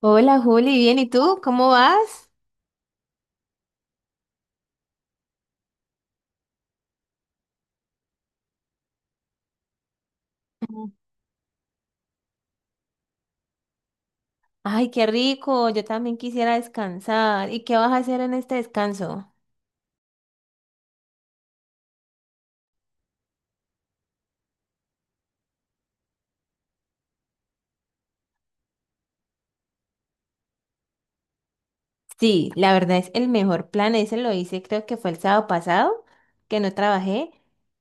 Hola Juli, bien, ¿y tú? ¿Cómo vas? Mm. Ay, qué rico, yo también quisiera descansar. ¿Y qué vas a hacer en este descanso? Sí, la verdad es el mejor plan, ese lo hice creo que fue el sábado pasado, que no trabajé,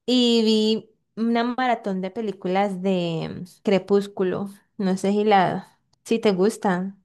y vi una maratón de películas de Crepúsculo, no sé si te gustan.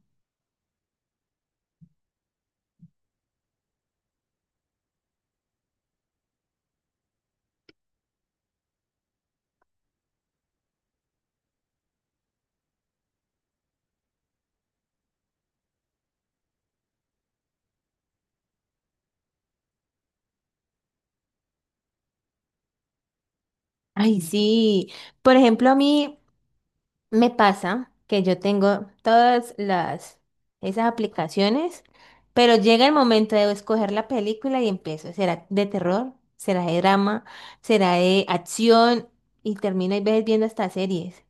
Ay, sí, por ejemplo, a mí me pasa que yo tengo todas las esas aplicaciones, pero llega el momento de escoger la película y empiezo. ¿Será de terror? ¿Será de drama? ¿Será de acción? Y termino a veces viendo hasta series.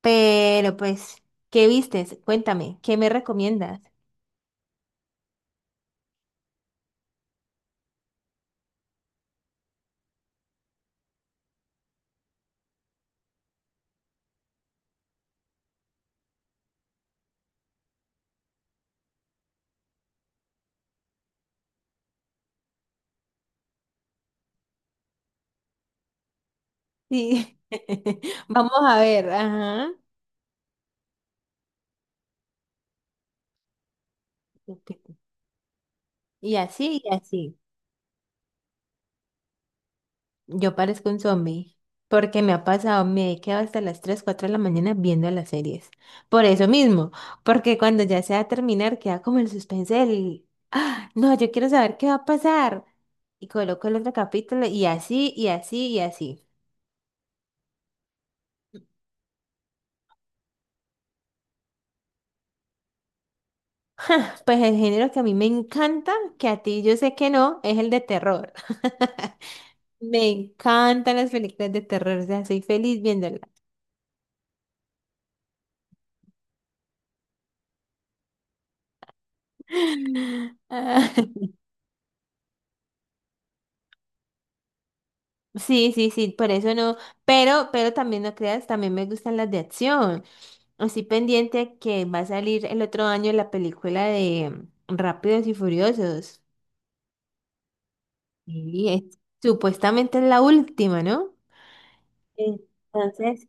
Pero pues, ¿qué vistes? Cuéntame, ¿qué me recomiendas? Sí. Vamos a ver, ajá. Y así, y así. Yo parezco un zombie, porque me ha pasado, me he quedado hasta las 3 4 de la mañana viendo las series. Por eso mismo, porque cuando ya se va a terminar, queda como el suspense ah, no, yo quiero saber qué va a pasar. Y coloco el otro capítulo y así, y así, y así. Pues el género que a mí me encanta, que a ti yo sé que no, es el de terror. Me encantan las películas de terror, o sea, soy feliz viéndolas. Sí, sí, sí, por eso no, pero también no creas, también me gustan las de acción. Así pendiente a que va a salir el otro año la película de Rápidos y Furiosos. Y supuestamente es la última, ¿no? Entonces,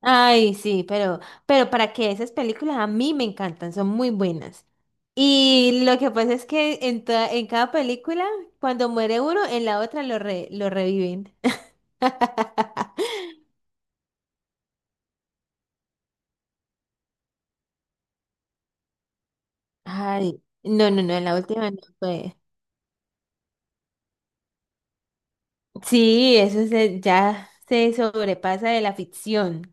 ay, sí, pero para que esas películas a mí me encantan, son muy buenas. Y lo que pasa es que en cada película, cuando muere uno, en la otra lo reviven. Ay, no, no, no, en la última no fue. Sí, ya se sobrepasa de la ficción.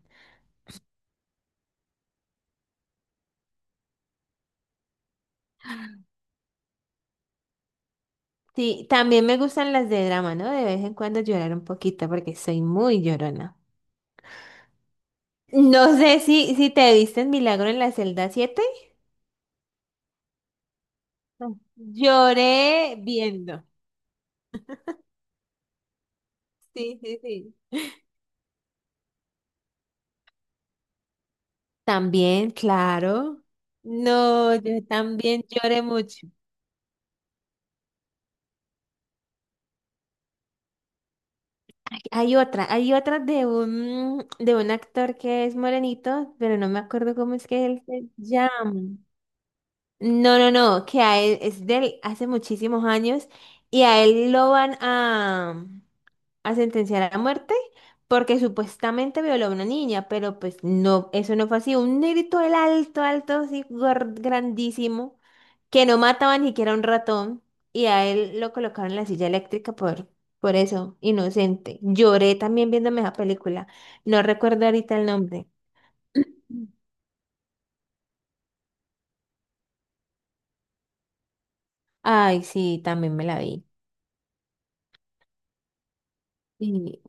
Sí, también me gustan las de drama, ¿no? De vez en cuando llorar un poquito porque soy muy llorona. No sé si te viste en Milagro en la celda siete. No. Lloré viendo. Sí, sí, sí. También, claro. No, yo también lloré mucho. Hay otra de un actor que es morenito, pero no me acuerdo cómo es que él se llama. No, no, no, que a él es de hace muchísimos años y a él lo van a sentenciar a muerte porque supuestamente violó a una niña, pero pues no, eso no fue así. Un negrito, el alto, alto, así, grandísimo que no mataba ni siquiera un ratón y a él lo colocaron en la silla eléctrica por eso, inocente. Lloré también viéndome esa película. No recuerdo ahorita el nombre. Ay, sí, también me la vi. Y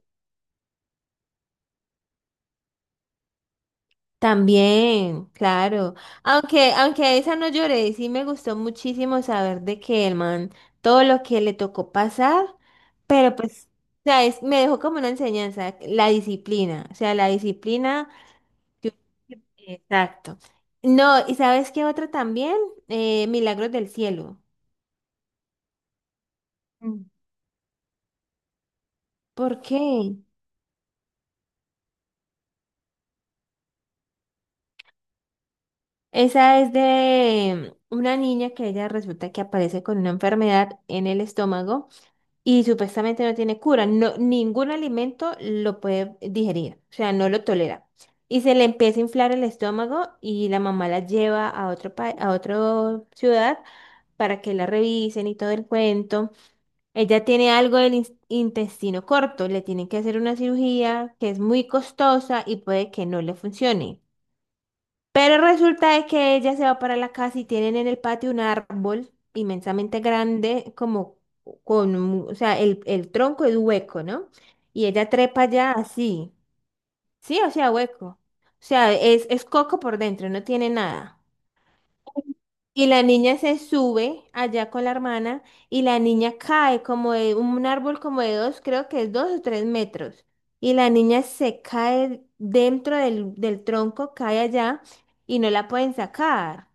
también, claro. Aunque a esa no lloré, sí me gustó muchísimo saber de que el man, todo lo que le tocó pasar, pero pues, o sea, me dejó como una enseñanza, la disciplina. O sea, la disciplina. Tú- Exacto. No, ¿y sabes qué otra también? Milagros del Cielo. Mm. ¿Por qué? Esa es de una niña que ella resulta que aparece con una enfermedad en el estómago y supuestamente no tiene cura. No, ningún alimento lo puede digerir, o sea, no lo tolera. Y se le empieza a inflar el estómago y la mamá la lleva a otra ciudad para que la revisen y todo el cuento. Ella tiene algo del intestino corto, le tienen que hacer una cirugía que es muy costosa y puede que no le funcione. Pero resulta de que ella se va para la casa y tienen en el patio un árbol inmensamente grande, como o sea, el tronco es hueco, ¿no? Y ella trepa allá así, sí, o sea, hueco. O sea, es coco por dentro, no tiene nada. Y la niña se sube allá con la hermana y la niña cae como de un árbol como de dos, creo que es 2 o 3 metros. Y la niña se cae dentro del tronco, cae allá y no la pueden sacar.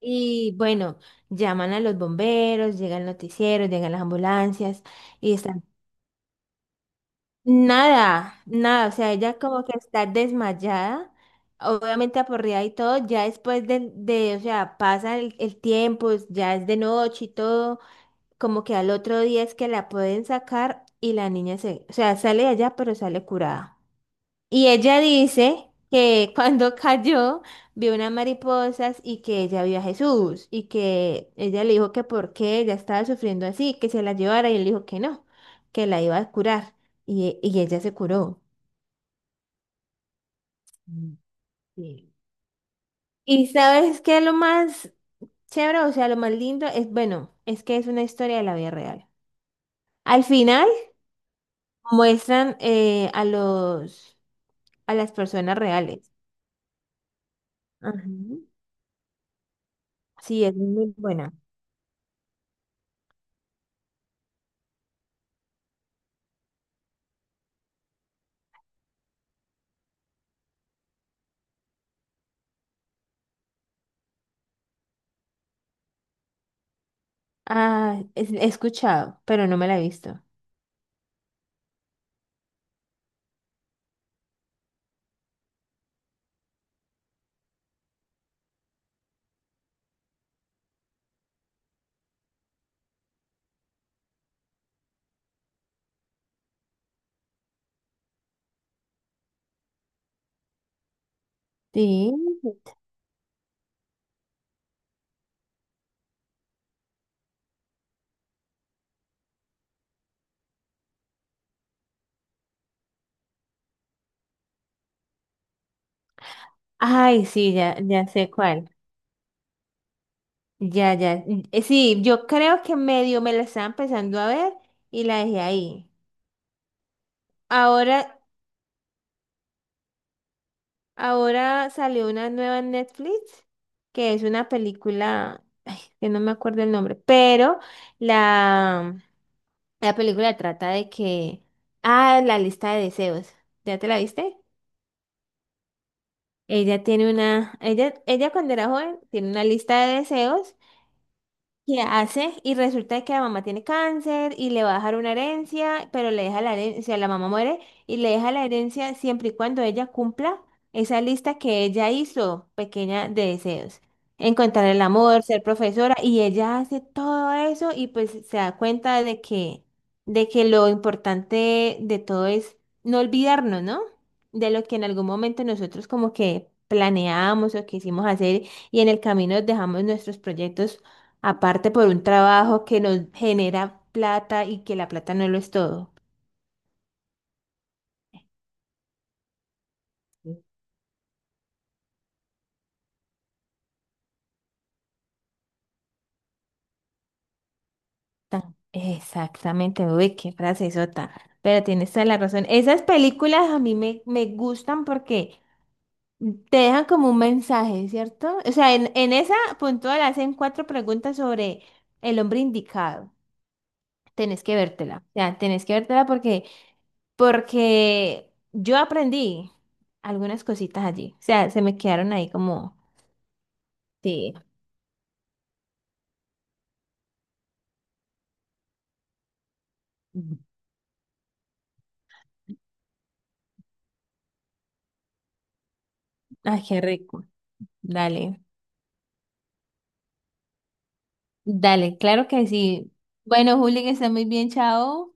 Y bueno, llaman a los bomberos, llega el noticiero, llegan las ambulancias y están. Nada, nada, o sea, ella como que está desmayada, obviamente aporreada y todo, ya después de, o sea, pasa el tiempo, ya es de noche y todo, como que al otro día es que la pueden sacar y la niña o sea, sale de allá pero sale curada. Y ella dice que cuando cayó vio unas mariposas y que ella vio a Jesús y que ella le dijo que por qué ella estaba sufriendo así, que se la llevara y él dijo que no, que la iba a curar y ella se curó. Mm, sí. ¿Y sabes qué es lo más chévere? O sea, lo más lindo es, bueno, es que es una historia de la vida real. Al final muestran a las personas reales. Ajá. Sí, es muy buena. Ah, he escuchado, pero no me la he visto. Sí. Ay, sí, ya, ya sé cuál. Ya, ya. Sí, yo creo que medio me la estaba empezando a ver y la dejé ahí. Ahora, ahora salió una nueva en Netflix que es una película, ay, que no me acuerdo el nombre, pero la, la película trata de que, ah, la lista de deseos. ¿Ya te la viste? Ella cuando era joven tiene una lista de deseos que hace y resulta que la mamá tiene cáncer y le va a dejar una herencia, pero le deja la herencia, la mamá muere y le deja la herencia siempre y cuando ella cumpla esa lista que ella hizo pequeña de deseos. Encontrar el amor, ser profesora y ella hace todo eso y pues se da cuenta de que lo importante de todo es no olvidarnos, ¿no? De lo que en algún momento nosotros como que planeamos o quisimos hacer y en el camino dejamos nuestros proyectos. Aparte por un trabajo que nos genera plata y que la plata no lo es todo. Exactamente, uy, qué frase sota. Pero tienes toda la razón. Esas películas a mí me gustan porque te dejan como un mensaje, ¿cierto? O sea, en esa puntual hacen cuatro preguntas sobre el hombre indicado. Tenés que vértela. O sea, tenés que vértela porque yo aprendí algunas cositas allí. O sea, se me quedaron ahí como, sí. Ay, qué rico. Dale, dale, claro que sí. Bueno, Juli, que esté muy bien, chao.